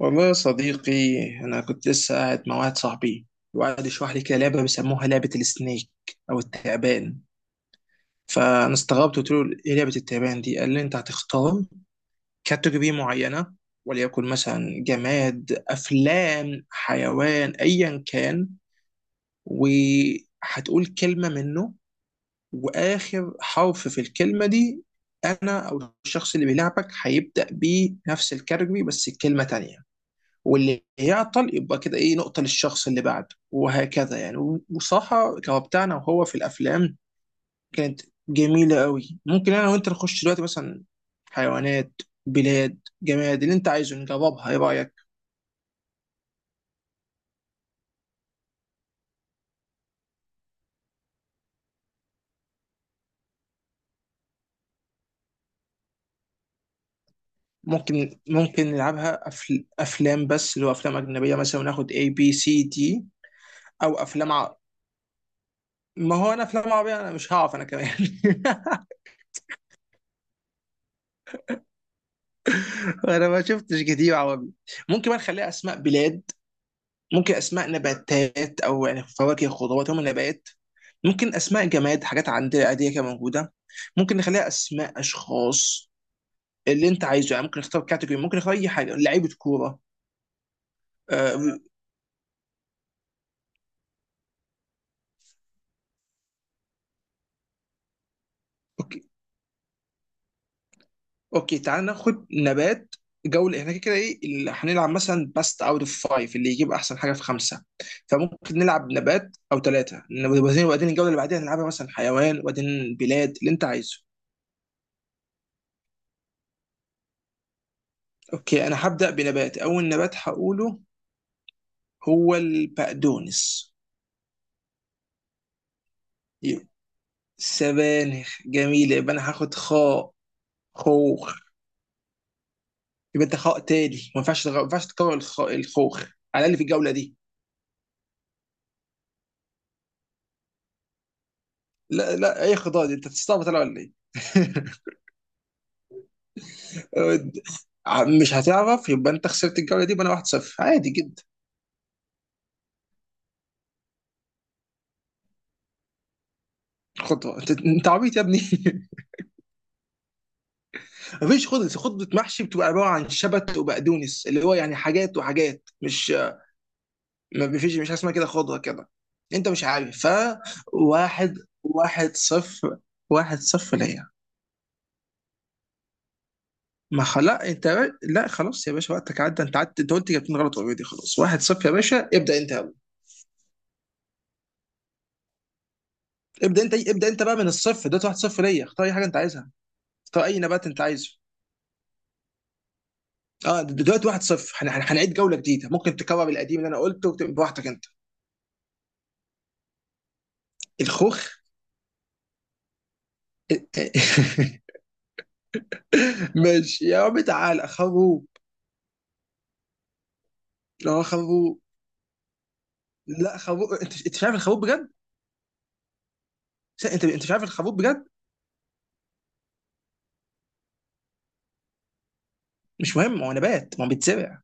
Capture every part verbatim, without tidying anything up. والله يا صديقي، أنا كنت لسه قاعد مع واحد صاحبي وقعد يشرح لي كده لعبة بيسموها لعبة السنيك أو التعبان. فأنا استغربت قلت له إيه لعبة التعبان دي؟ قال لي أنت هتختار كاتيجوري معينة، وليكن مثلا جماد أفلام حيوان أيا كان، وهتقول كلمة منه، وآخر حرف في الكلمة دي أنا أو الشخص اللي بيلعبك هيبدأ بنفس الكاتيجوري بس كلمة تانية. واللي يعطل يبقى كده ايه نقطة للشخص اللي بعده وهكذا يعني. وصراحة كهو بتاعنا، وهو في الأفلام كانت جميلة قوي. ممكن أنا وأنت نخش دلوقتي مثلا حيوانات بلاد جماد اللي أنت عايزه نجربها، إيه رأيك؟ ممكن ممكن نلعبها أفل... أفلام بس، اللي هو أفلام أجنبية مثلا، وناخد A B C D. أو أفلام ع... ما هو أنا أفلام عربية أنا مش هعرف أنا كمان. أنا ما شفتش كتير عربي. ممكن بقى نخليها أسماء بلاد. ممكن اسماء نباتات او يعني فواكه خضروات، هم نبات. ممكن اسماء جماد، حاجات عندنا عاديه كده موجوده. ممكن نخليها اسماء اشخاص اللي انت عايزه يعني. ممكن نختار كاتيجوري، ممكن نختار اي حاجه، لعيبه كوره. آه، اوكي اوكي تعال ناخد نبات. جوله، احنا كده كده ايه اللي هنلعب مثلا، باست اوت اوف فايف، اللي يجيب احسن حاجه في خمسه. فممكن نلعب نبات او ثلاثه، وبعدين وبعدين الجوله اللي بعديها نلعبها مثلا حيوان وبعدين بلاد اللي انت عايزه. اوكي انا هبدا بنبات. اول نبات هقوله هو البقدونس. يبقى سبانخ جميل، يبقى انا هاخد خاء. خوخ. يبقى انت خاء تاني ما ينفعش تغ- ما ينفعش تكرر الخ- الخوخ على الاقل في الجوله دي. لا لا، اي خضار دي؟ انت تستعبط انا ولا ايه؟ مش هتعرف، يبقى انت خسرت الجوله دي، يبقى انا واحد صفر عادي جدا. خطوه؟ انت انت عبيط يا ابني. مفيش خطوه، خطوه محشي بتبقى عباره عن شبت وبقدونس، اللي هو يعني حاجات وحاجات. مش، ما فيش مش حاجه اسمها كده خضره كده. انت مش عارف، ف واحد واحد صفر، واحد صفر ليا. ما خلاص انت را- لا خلاص يا باشا، وقتك عدى، انت عدت، انت قلت جبتين غلط اوريدي، خلاص واحد صفر يا باشا، ابدا انت أول. ابدا انت، ابدا انت بقى من الصفر دلوقتي، واحد صفر ليا، اختار اي حاجه انت عايزها، اختار اي نبات انت عايزه. اه دلوقتي واحد صفر، هن- هن- هنعيد جوله جديده، ممكن تكرر القديم اللي انا قلته وتبقى براحتك انت. الخوخ. ماشي يا عم، تعال خروب. لا خروب. لا خروب، انت انت مش عارف الخروب. س- انت انت مش عارف الخروف بجد؟ مش مهم، هو نبات، ما هو بيتزرع.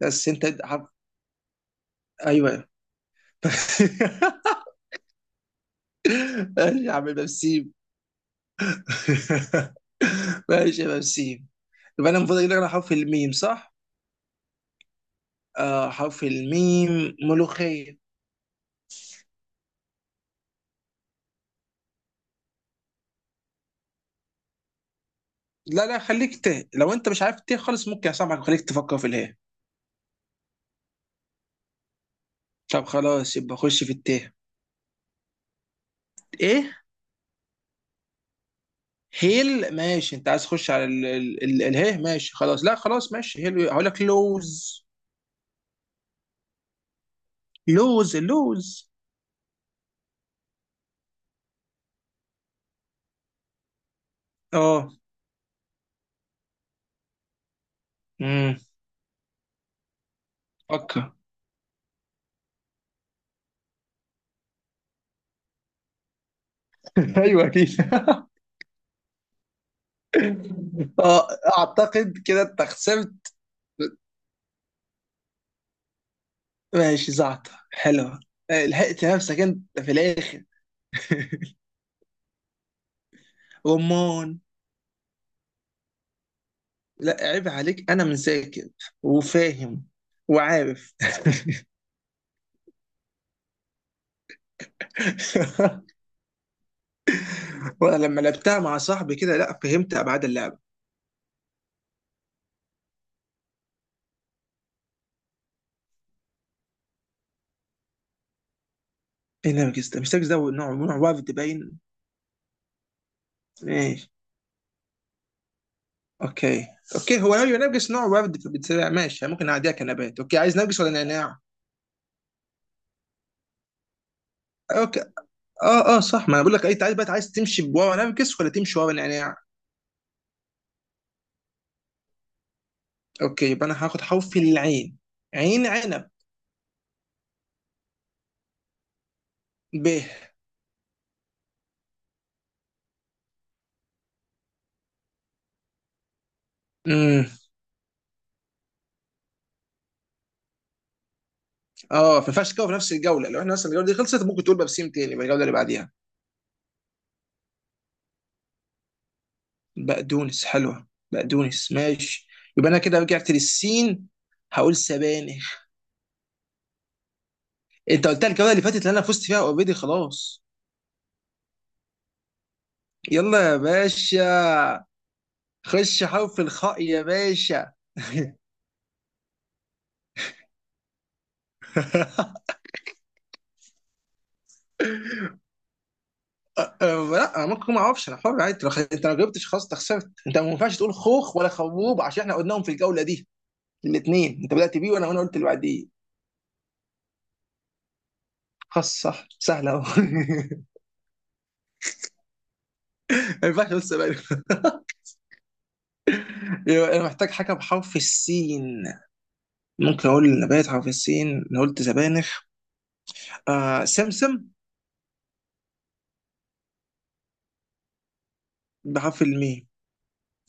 بس انت عارف. ايوه. ماشي يا عم بسيم. ماشي يا بسيم. يبقى انا المفروض اجيب لك على حرف الميم، صح؟ آه حرف الميم، ملوخية. لا لا، خليك ت، لو انت مش عارف ت خالص ممكن اسامحك وخليك تفكر في اله. طب خلاص، يبقى خش في الت. ايه؟ هيل، ماشي، انت عايز تخش على ال ال ال اله، ماشي، خلاص، لا خلاص، ماشي، هيل، هقول لك لوز. لوز، اللوز. اه. مم. فكر. ايوه اكيد. اه، اعتقد كده انت خسرت. ماشي، زعتر حلوه. آه، لحقت نفسك انت في الاخر. رمان. لا عيب عليك، انا مذاكر وفاهم وعارف. وانا لما لعبتها مع صاحبي كده لا فهمت ابعاد اللعبه. ايه نرجس ده؟ مش نرجس ده نوع، نوع ورد باين. ماشي. اوكي اوكي، هو نوع، نرجس نوع ورد، فبتسرع، ماشي، ممكن نعديها كنبات، اوكي، عايز نرجس ولا نعناع؟ اوكي. اه اه صح، ما انا بقول لك اي، تعال بقى، عايز تمشي بورق نرجس ولا تمشي ورا نعناع؟ اوكي، يبقى انا هاخد حرف العين. عين، عنب. ب. امم. اه ما ينفعش تكون في نفس الجوله، لو احنا مثلا الجوله دي خلصت ممكن تقول بابسيم تاني يبقى الجوله اللي بعديها. بقدونس حلوه. بقدونس ماشي. يبقى انا كده رجعت للسين. هقول سبانخ. انت قلتها الجوله اللي فاتت اللي انا فزت فيها اوريدي خلاص. يلا يا باشا. خش حرف الخاء يا باشا. أه لا انا ممكن ما اعرفش، انا حر عادي، لو خ... انت ما جاوبتش خلاص، انت خسرت، انت ما ينفعش تقول خوخ ولا خروب عشان احنا قلناهم في الجوله دي، الاثنين انت بدات بيه، وانا وانا قلت اللي بعديه. خلاص صح، سهله اهو. ما ينفعش، بس زبادي. يبقى انا محتاج حاجه بحرف السين. ممكن اقول نبات حرف السين، انا قلت زبانخ. آه سمسم. بحرف الميم.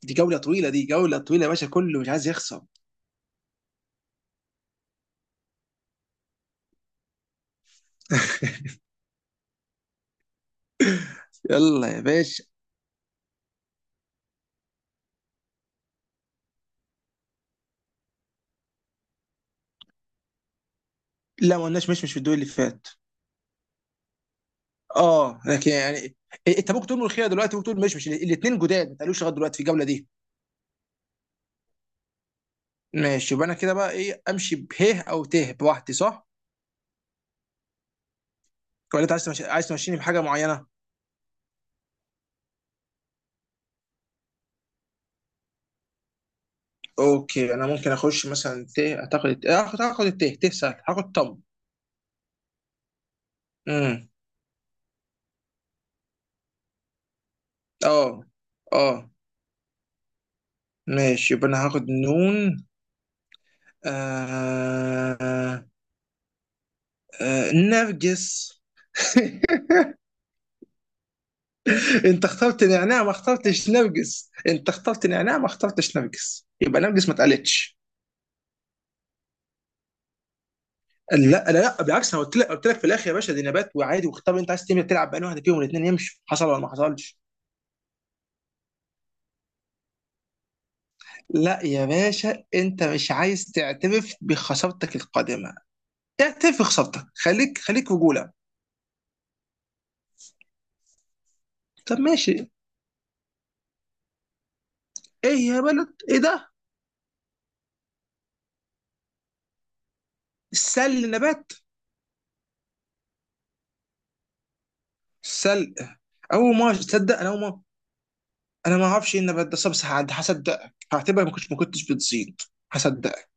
دي جوله طويله، دي جوله طويله يا باشا، كله مش عايز يخسر. يلا يا باشا. لا ما قلناش، مش مش في الدور اللي فات. اه لكن يعني إيه، انت ممكن تقول ملوخيه دلوقتي، ممكن تقول مش مش الاثنين جداد ما اتقالوش لغايه دلوقتي في الجوله دي. ماشي، يبقى انا كده بقى ايه، امشي به او ته بوحدي صح؟ ولا انت عايز تمشي... عايز تمشيني بحاجه معينه؟ اوكي انا ممكن اخش مثلا ته، اعتقد هاخد هاخد الته، ته سهل، هاخد طم. امم. اه اه. ماشي، يبقى انا هاخد نون. آه... آه... نرجس. انت اخترت نعناع ما اخترتش نرجس، انت اخترت نعناع ما اخترتش نرجس، يبقى نرجس ما اتقالتش. لا لا لا بالعكس، انا قلت لك، قلت لك في الاخر يا باشا دي نبات وعادي، واختار انت، عايز تعمل تلعب بأنهي واحده فيهم، الاثنين يمشوا، حصل ولا ما حصلش. لا يا باشا، انت مش عايز تعترف بخسارتك القادمه، اعترف بخسارتك، خليك خليك رجوله. طب ماشي. ايه يا بلد، ايه ده؟ سل نبات. سل اول ما تصدق انا، اول ما انا ما اعرفش ايه النبات ده صبص عاد، هصدقك، هعتبرك ما كنتش ما كنتش بتزيد. هصدقك.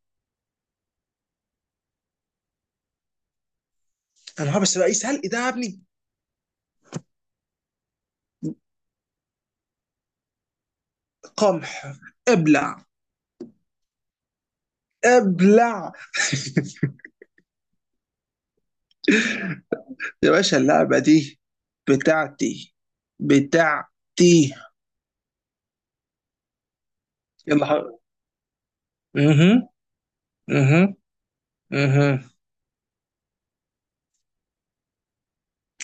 انا بس بقى ايه سلق ده يا ابني؟ قمح. ابلع. ابلع. يا باشا اللعبة دي بتاعتي، بتاعتي. يلا حر... اها. اها اها.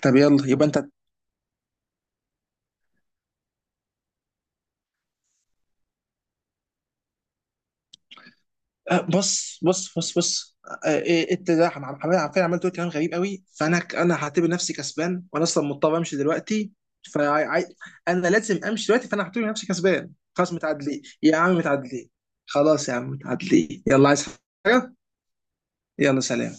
طب يلا، يبقى انت. آه، بص بص بص بص. آه، إيه، انت ده عم- عم- عم- فعلا عملت دلوقتي كلام غريب قوي، فانا ك- انا هعتبر نفسي كسبان، وانا اصلا مضطر امشي دلوقتي، فانا لازم امشي دلوقتي، فانا هعتبر نفسي كسبان. خلاص متعادلين يا عم متعادلين. خلاص يا عم متعادلين، يلا عايز حاجة. يلا سلام.